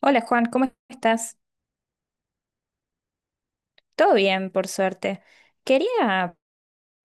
Hola Juan, ¿cómo estás? Todo bien, por suerte. Quería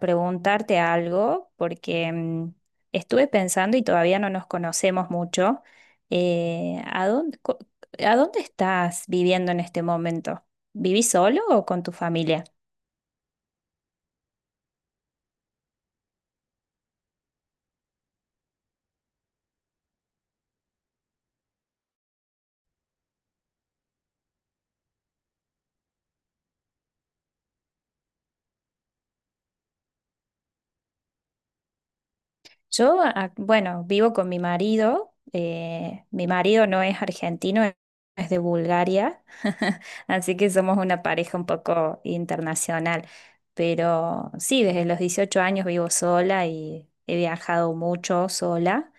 preguntarte algo porque estuve pensando y todavía no nos conocemos mucho. ¿A dónde, a dónde estás viviendo en este momento? ¿Vivís solo o con tu familia? Yo, bueno, vivo con mi marido. Mi marido no es argentino, es de Bulgaria, así que somos una pareja un poco internacional. Pero sí, desde los 18 años vivo sola y he viajado mucho sola.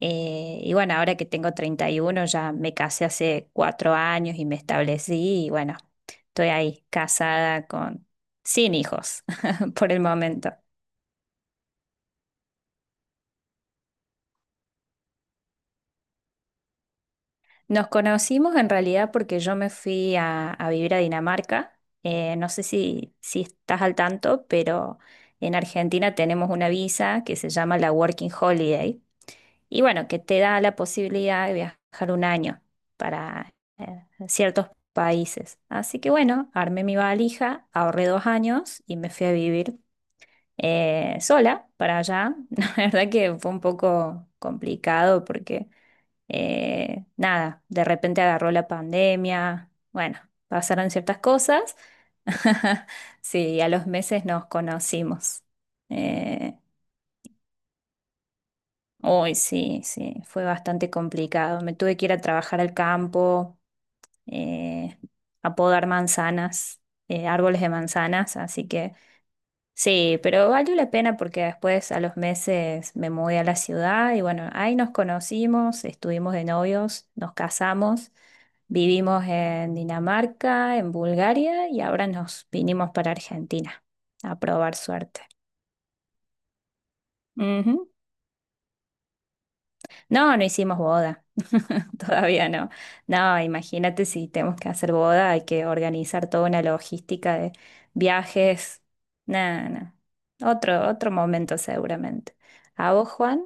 Y bueno, ahora que tengo 31 ya me casé hace 4 años y me establecí y bueno, estoy ahí casada con, sin hijos por el momento. Nos conocimos en realidad porque yo me fui a vivir a Dinamarca. No sé si estás al tanto, pero en Argentina tenemos una visa que se llama la Working Holiday y bueno, que te da la posibilidad de viajar un año para ciertos países. Así que bueno, armé mi valija, ahorré 2 años y me fui a vivir sola para allá. La verdad que fue un poco complicado porque... Nada, de repente agarró la pandemia, bueno, pasaron ciertas cosas. Sí, a los meses nos conocimos. Eh, Uy, sí, sí, fue bastante complicado. Me tuve que ir a trabajar al campo, eh, a podar manzanas, árboles de manzanas, así que... Sí, pero valió la pena porque después a los meses me mudé a la ciudad y bueno, ahí nos conocimos, estuvimos de novios, nos casamos, vivimos en Dinamarca, en Bulgaria y ahora nos vinimos para Argentina a probar suerte. Ujú. No, no hicimos boda, todavía no. No, imagínate si tenemos que hacer boda, hay que organizar toda una logística de viajes. Nada, no. Otro momento seguramente. ¿A vos, Juan?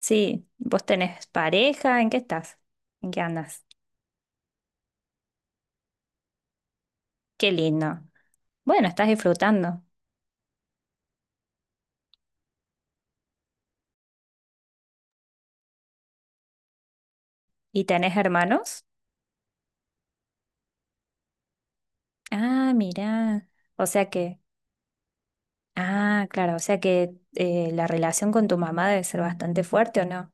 Sí, vos tenés pareja, ¿en qué estás? ¿En qué andas? Qué lindo. Bueno, estás disfrutando. ¿Y tenés hermanos? Ah, mirá. O sea que, ah, claro, o sea que la relación con tu mamá debe ser bastante fuerte, ¿o no?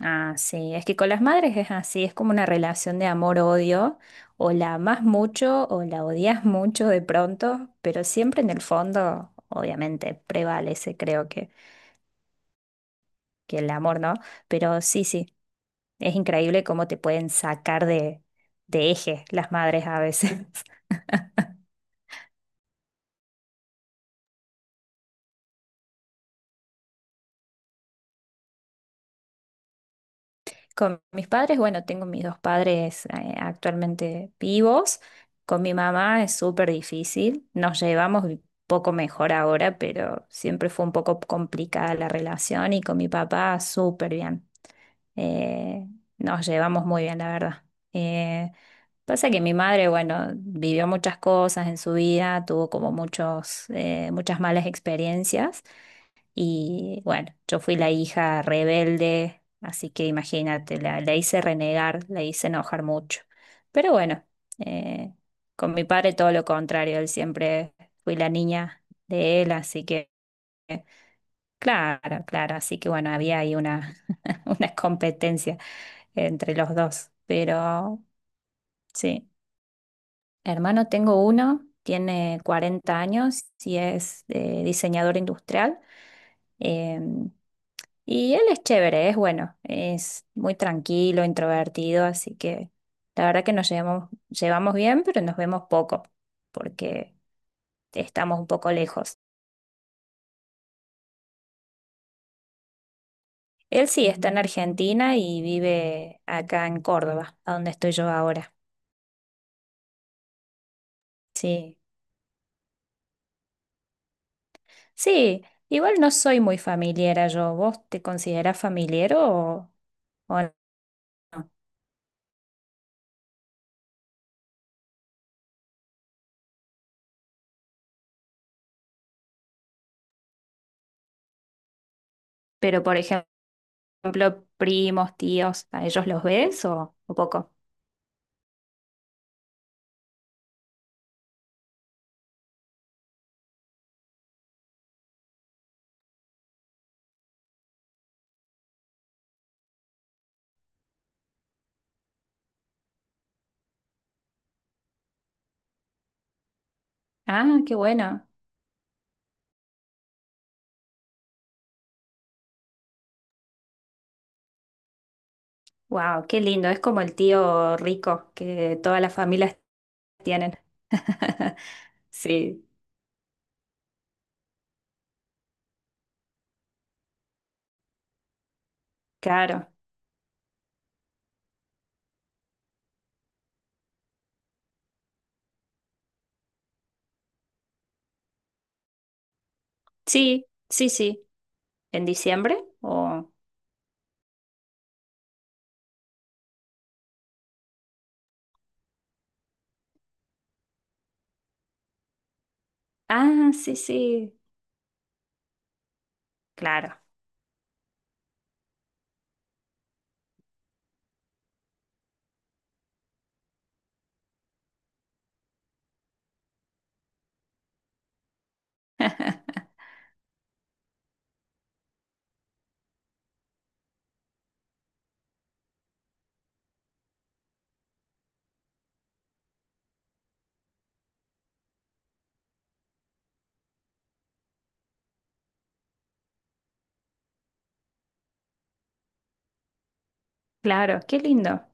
Ah, sí, es que con las madres es así, es como una relación de amor-odio, o la amas mucho o la odias mucho de pronto, pero siempre en el fondo, obviamente, prevalece, creo que el amor, ¿no? Pero sí, sí. Es increíble cómo te pueden sacar de eje las madres a veces. Con mis padres, bueno, tengo mis dos padres actualmente vivos. Con mi mamá es súper difícil. Nos llevamos un poco mejor ahora, pero siempre fue un poco complicada la relación y con mi papá súper bien. Eh, Nos llevamos muy bien, la verdad. Eh, Pasa que mi madre, bueno, vivió muchas cosas en su vida, tuvo como muchos, muchas malas experiencias y bueno, yo fui la hija rebelde, así que imagínate, la hice renegar, la hice enojar mucho. Pero bueno, eh, con mi padre todo lo contrario, él siempre fui la niña de él, así que claro, claro, así que bueno, había ahí una, una competencia entre los dos. Pero sí, hermano, tengo uno, tiene 40 años y es diseñador industrial. em, y él es chévere, es bueno, es muy tranquilo, introvertido, así que la verdad que nos llevamos bien, pero nos vemos poco, porque estamos un poco lejos. Él sí está en Argentina y vive acá en Córdoba, a donde estoy yo ahora. Sí. Sí, igual no soy muy familiera yo. ¿Vos te considerás familiar o no? Pero, por ejemplo, primos, tíos, ¿a ellos los ves o poco? Ah, qué bueno. Wow, qué lindo. Es como el tío rico que todas las familias tienen. Sí, claro. Sí, sí, sí. ¿En diciembre? O... Ah, sí, sí. Claro. Claro, qué lindo.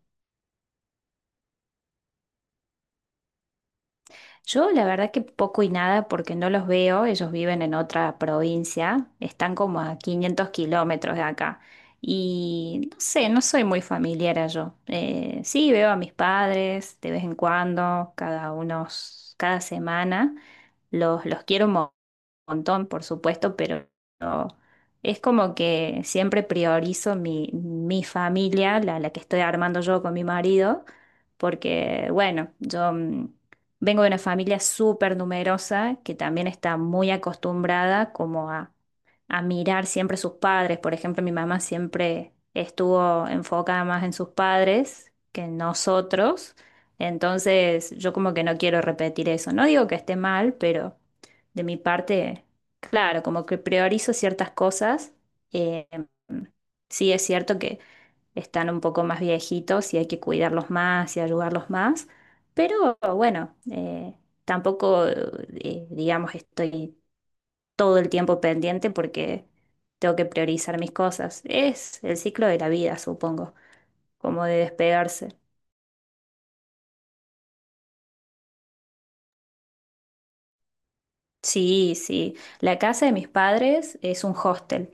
Yo la verdad que poco y nada porque no los veo, ellos viven en otra provincia, están como a 500 kilómetros de acá y no sé, no soy muy familiar yo. Sí, veo a mis padres de vez en cuando, cada unos, cada semana, los quiero montón, por supuesto, pero es como que siempre priorizo mi familia, la que estoy armando yo con mi marido, porque, bueno, yo vengo de una familia súper numerosa que también está muy acostumbrada como a mirar siempre sus padres. Por ejemplo, mi mamá siempre estuvo enfocada más en sus padres que en nosotros. Entonces, yo como que no quiero repetir eso. No digo que esté mal, pero de mi parte, claro, como que priorizo ciertas cosas. eh, sí es cierto que están un poco más viejitos y hay que cuidarlos más y ayudarlos más, pero bueno, tampoco, digamos, estoy todo el tiempo pendiente porque tengo que priorizar mis cosas. Es el ciclo de la vida, supongo, como de despegarse. Sí, sí. La casa de mis padres es un hostel.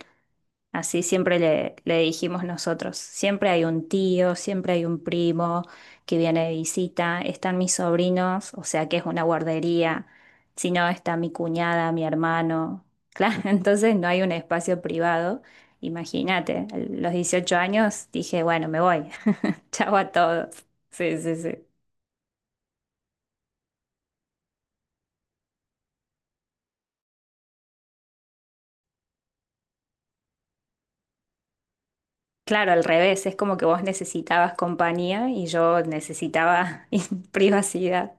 Así siempre le dijimos nosotros. Siempre hay un tío, siempre hay un primo que viene de visita. Están mis sobrinos, o sea que es una guardería. Si no, está mi cuñada, mi hermano. Claro, entonces no hay un espacio privado. Imagínate, a los 18 años dije, bueno, me voy. Chao a todos. Sí, sí, sí. Claro, al revés, es como que vos necesitabas compañía y yo necesitaba privacidad.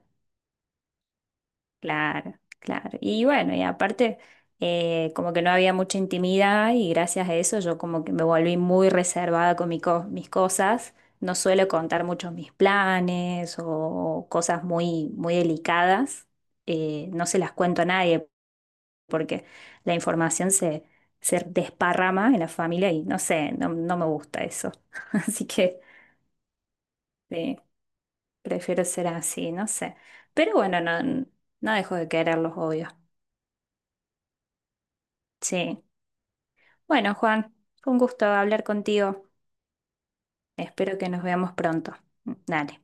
Claro, claro. Y bueno, y aparte, como que no había mucha intimidad y gracias a eso yo como que me volví muy reservada con mis cosas. No suelo contar muchos mis planes o cosas muy, muy delicadas. No se las cuento a nadie porque la información se desparrama en la familia y no sé, no, no me gusta eso. Así que sí, prefiero ser así, no sé. Pero bueno, no, no dejo de quererlos, obvio. Sí. Bueno, Juan, fue un gusto hablar contigo. Espero que nos veamos pronto. Dale.